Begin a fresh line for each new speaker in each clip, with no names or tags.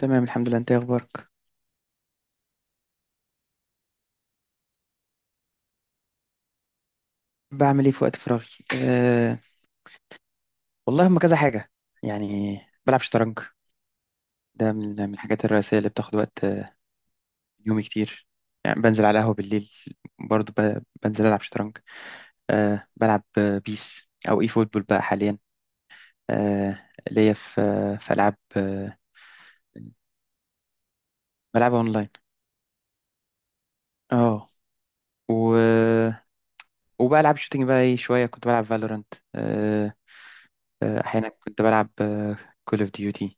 تمام الحمد لله، انت ايه اخبارك؟ بعمل ايه في وقت فراغي؟ أه والله هم كذا حاجه، يعني بلعب شطرنج. ده من الحاجات الرئيسيه اللي بتاخد وقت. يومي كتير، يعني بنزل على قهوه بالليل، برضو بنزل العب شطرنج. بلعب بيس او اي فوتبول بقى حاليا. ليا في العاب، بلعبها اونلاين. اه، و... وبلعب شوتينج بقى، ايه شويه كنت بلعب فالورانت، احيانا كنت بلعب كول اوف ديوتي،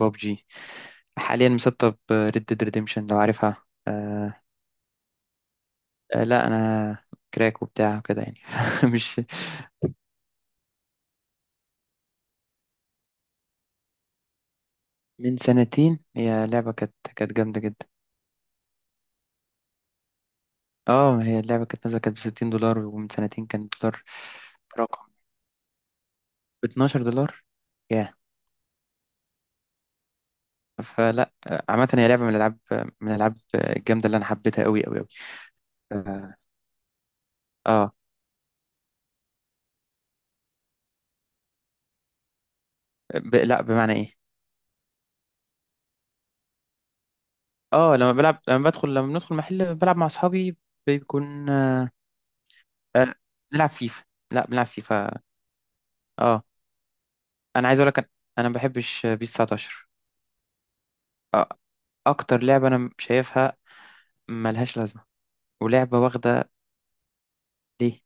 ببجي. حاليا مسطب ريد ديد ريديمشن لو عارفها. لا انا كراك وبتاع كده يعني مش... من سنتين هي لعبة كانت جامدة جدا. اه، ما هي اللعبة كانت نازلة كانت ب $60، ومن سنتين كان الدولار... رقم، ب $12. ياه. فلا، عامة هي لعبة من الألعاب، من الألعاب الجامدة اللي أنا حبيتها أوي أوي أوي. اه، آه، لا بمعنى إيه. اه لما بلعب، لما بدخل، لما بندخل محل بلعب مع أصحابي، بيكون... آه، بنلعب فيفا، لا بنلعب فيفا. اه، انا عايز اقول لك، أنا ما بحبش بيس 19. آه، اكتر لعبه انا شايفها ملهاش لازمه، ولعبه واخده. ليه؟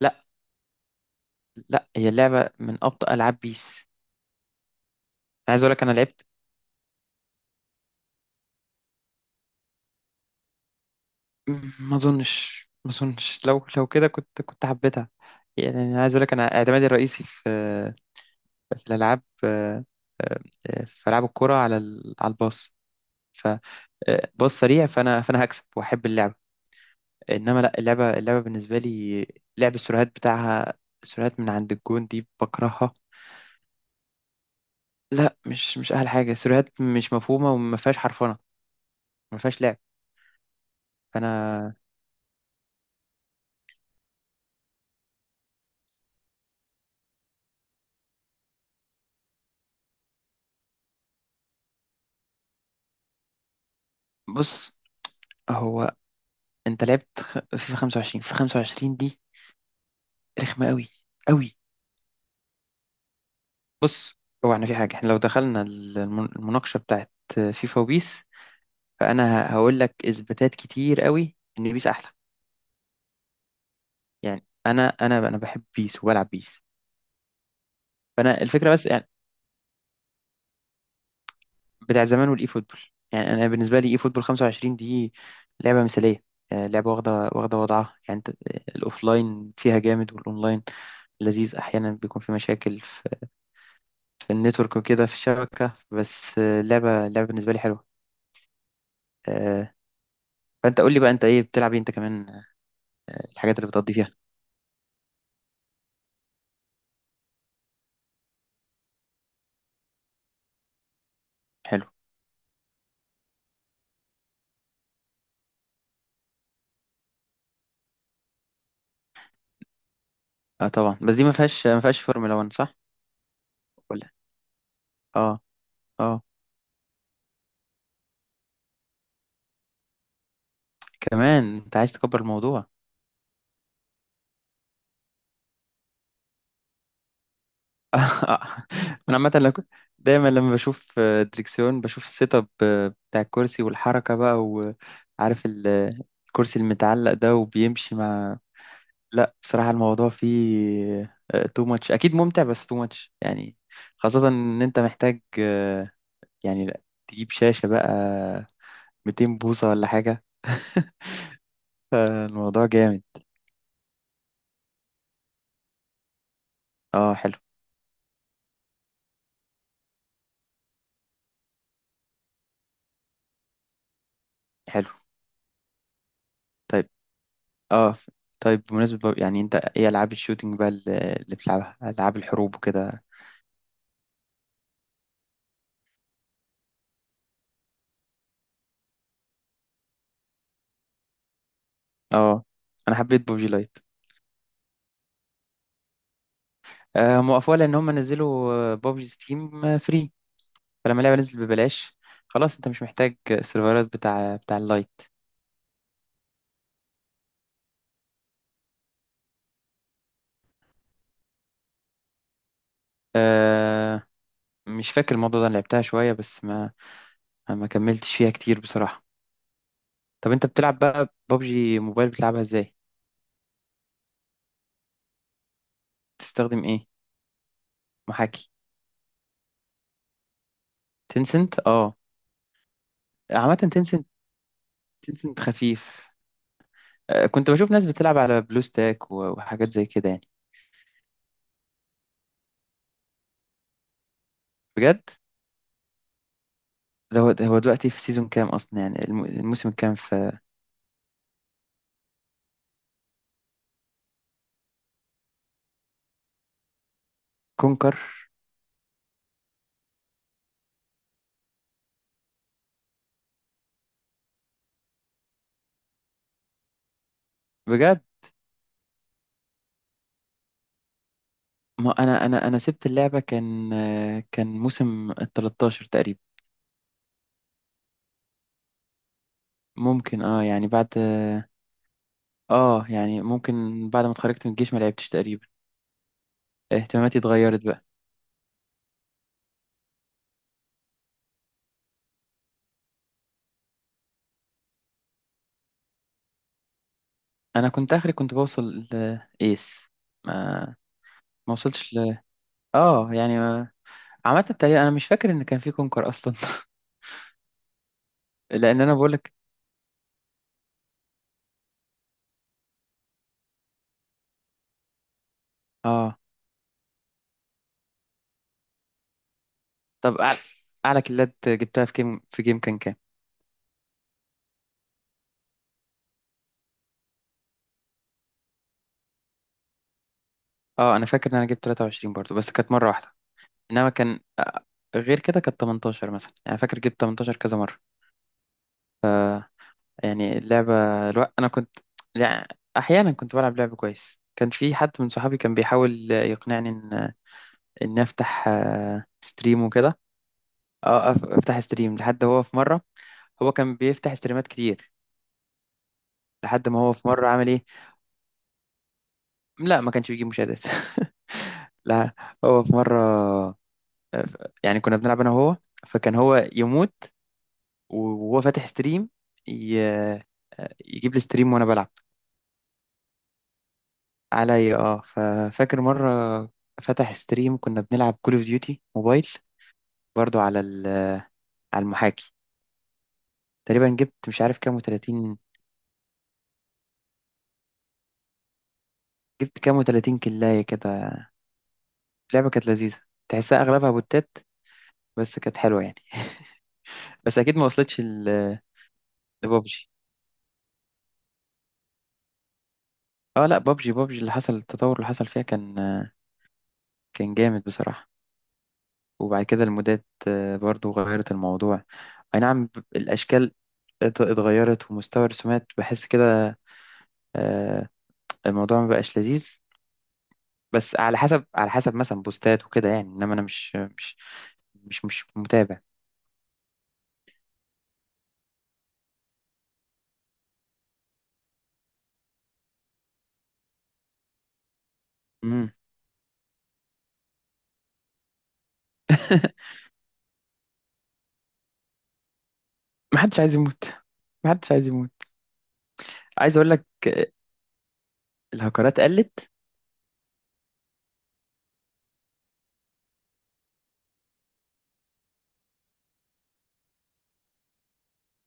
لا لا، هي اللعبه من ابطأ العاب بيس. انا عايز اقول لك انا لعبت... ما اظنش لو كده كنت حبيتها. يعني انا عايز اقول لك انا اعتمادي الرئيسي في الالعاب، آه، في العاب الكوره على الباص، فباص سريع، فانا هكسب واحب اللعبه. انما لا، اللعبه بالنسبه لي لعب السيرفرات بتاعها، سيرفرات من عند الجون دي بكرهها. لا مش احلى حاجه، سيرفرات مش مفهومه وما فيهاش حرفنه، ما فيهاش لعب. فانا... بص، هو انت لعبت فيفا 25، في 25 دي رخمه قوي قوي. بص، هو احنا في حاجه، احنا لو دخلنا المناقشه بتاعت فيفا وبيس، فانا هقول لك اثباتات كتير قوي ان بيس احلى. يعني انا بحب بيس وبلعب بيس. فانا الفكره بس يعني بتاع زمان والاي فوتبول. يعني انا بالنسبه لي، اي فوتبول 25 دي لعبه مثاليه. لعبه واخده، واخده وضعها يعني. انت، الاوفلاين فيها جامد والاونلاين لذيذ. احيانا بيكون في مشاكل في النتورك وكده، في الشبكه. بس لعبه، لعبه بالنسبه لي حلوه. آه، فانت قول لي بقى، انت ايه بتلعب؟ ايه انت كمان، الحاجات اللي بتقضي فيها؟ حلو. اه طبعا، بس دي ما فيهاش فورمولا 1 صح؟ ولا. اه. اه. كمان انت عايز تكبر الموضوع؟ انا عامه لو كنت- دايما لما بشوف دريكسيون بشوف السيت اب بتاع الكرسي والحركه بقى، وعارف الكرسي المتعلق ده وبيمشي مع... لا بصراحه الموضوع فيه تو ماتش، اكيد ممتع بس تو ماتش يعني. خاصه ان انت محتاج آه، يعني لا، تجيب شاشه بقى 200 بوصه ولا حاجه. فالموضوع جامد. اه حلو. حلو. طيب. اه ف- طيب، بمناسبة بقى، يعني انت ايه العاب الشوتينج بقى اللي بتلعبها، العاب الحروب وكده؟ اه انا حبيت ببجي لايت. آه، هم وقفوها لان هم نزلوا ببجي ستيم فري، فلما اللعبه نزلت ببلاش خلاص انت مش محتاج السيرفرات بتاع اللايت. آه، مش فاكر الموضوع ده، انا لعبتها شويه بس ما كملتش فيها كتير بصراحه. طب انت بتلعب بقى ببجي موبايل، بتلعبها ازاي؟ تستخدم ايه؟ محاكي؟ تنسنت، اه. عامه تنسنت، تنسنت خفيف. كنت بشوف ناس بتلعب على بلو ستاك وحاجات زي كده يعني. بجد؟ ده هو دلوقتي في سيزون كام اصلا، يعني الموسم الكام في كونكر؟ بجد؟ ما انا سبت اللعبه، كان موسم ال 13 تقريبا. ممكن، اه يعني بعد... اه يعني ممكن، بعد ما اتخرجت من الجيش ما لعبتش تقريبا، اهتماماتي اتغيرت بقى. انا كنت اخري كنت بوصل لايس، ما ما وصلتش ل... اه يعني ما... عامه تقريبا انا مش فاكر ان كان في كونكر اصلا. لان انا بقول لك. اه، طب اعلى كيلات جبتها في جيم، كان كام؟ اه، انا فاكر ان انا جبت 23 برضو، بس كانت مره واحده. انما كان آه، غير كده كانت 18 مثلا، يعني فاكر جبت 18 كذا مره. يعني اللعبه... انا كنت يعني احيانا كنت بلعب لعب كويس، كان في حد من صحابي كان بيحاول يقنعني ان افتح ستريم وكده. افتح ستريم لحد هو في مره... هو كان بيفتح ستريمات كتير، لحد ما هو في مره عمل ايه. لا، ما كانش بيجيب مشاهدات. لا. هو في مره آه، ف- يعني كنا بنلعب انا وهو، فكان هو يموت وهو فاتح ستريم، يجيب لي ستريم وانا بلعب. عليا، اه. ففاكر مره فتح ستريم كنا بنلعب كول اوف ديوتي موبايل، برضو على المحاكي. تقريبا جبت مش عارف كام و30، جبت كام و30 كلايه كده. اللعبه كانت لذيذه، تحسها اغلبها بوتات بس كانت حلوه يعني. بس اكيد ما وصلتش لبابجي. اه لا، بابجي اللي حصل التطور اللي حصل فيها كان جامد بصراحه. وبعد كده المودات برضو غيرت الموضوع. اي نعم، الاشكال اتغيرت ومستوى الرسومات بحس كده آه، الموضوع ما بقاش لذيذ. بس على حسب، على حسب مثلا بوستات وكده يعني. انما انا مش متابع. امم ما حدش عايز يموت، ما حدش عايز يموت. عايز اقول لك، الهكرات قلت.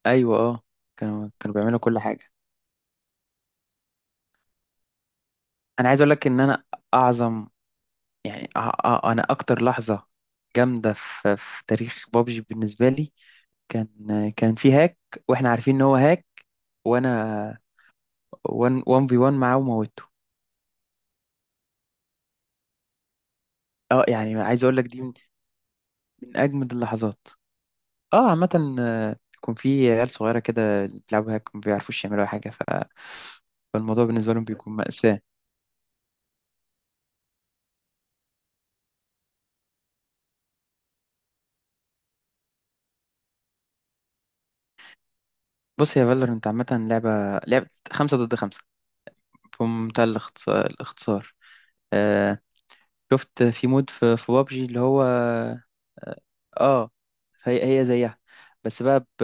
ايوه، اه. كانوا بيعملوا كل حاجه. انا عايز اقول لك ان انا اعظم، يعني انا اكتر لحظه جامده في تاريخ بابجي بالنسبه لي، كان كان في هاك، واحنا عارفين ان هو هاك، وانا 1 في 1 معاه وموته. اه يعني عايز اقول لك، دي من أجمد اللحظات. اه عامة، يكون في عيال صغيرة كده اللي بيلعبوا هاك ما بيعرفوش يعملوا أي حاجة ف... فالموضوع بالنسبة لهم بيكون مأساة. بص يا فالورنت، عامة لعبة، لعبة خمسة ضد خمسة بمنتهى الاختصار. آه، شفت في مود في بابجي اللي هو، اه، آه، هي هي زيها. بس بقى ب...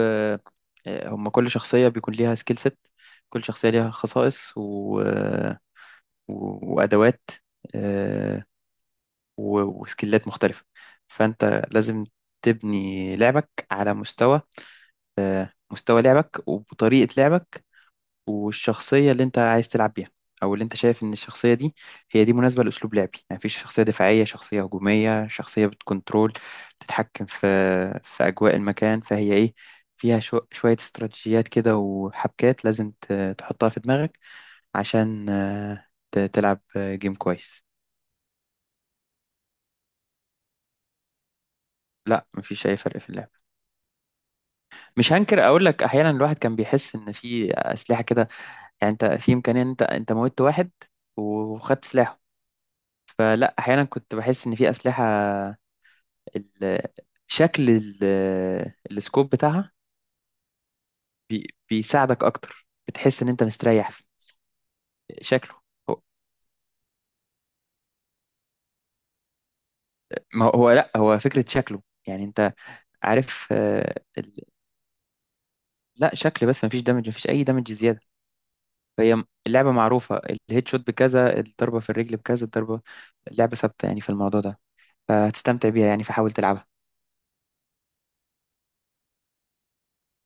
آه، هما كل شخصية بيكون ليها سكيل set. كل شخصية ليها خصائص وأدوات، آه، وسكيلات مختلفة. فأنت لازم تبني لعبك على مستوى لعبك، وبطريقة لعبك، والشخصية اللي أنت عايز تلعب بيها، أو اللي أنت شايف إن الشخصية دي هي دي مناسبة لأسلوب لعبي. يعني مفيش شخصية دفاعية، شخصية هجومية، شخصية بتكنترول، بتتحكم في أجواء المكان. فهي إيه، فيها شوية استراتيجيات كده وحبكات لازم تحطها في دماغك عشان تلعب جيم كويس. لا، مفيش أي فرق في اللعب. مش هنكر، اقول لك احيانا الواحد كان بيحس ان في اسلحه كده، يعني انت في امكانيه ان انت موتت واحد وخدت سلاحه. فلا، احيانا كنت بحس ان في اسلحه، ال- شكل ال- السكوب بتاعها بيساعدك اكتر، بتحس ان انت مستريح في شكله. هو- ما هو هو، لا، هو فكره شكله، يعني انت عارف. لا شكل بس، مفيش دمج، مفيش اي دمج زياده. فهي اللعبه معروفه، الهيد شوت بكذا، الضربه في الرجل بكذا الضربه. لعبه ثابته يعني في الموضوع ده، فهتستمتع بيها يعني، فحاول تلعبها.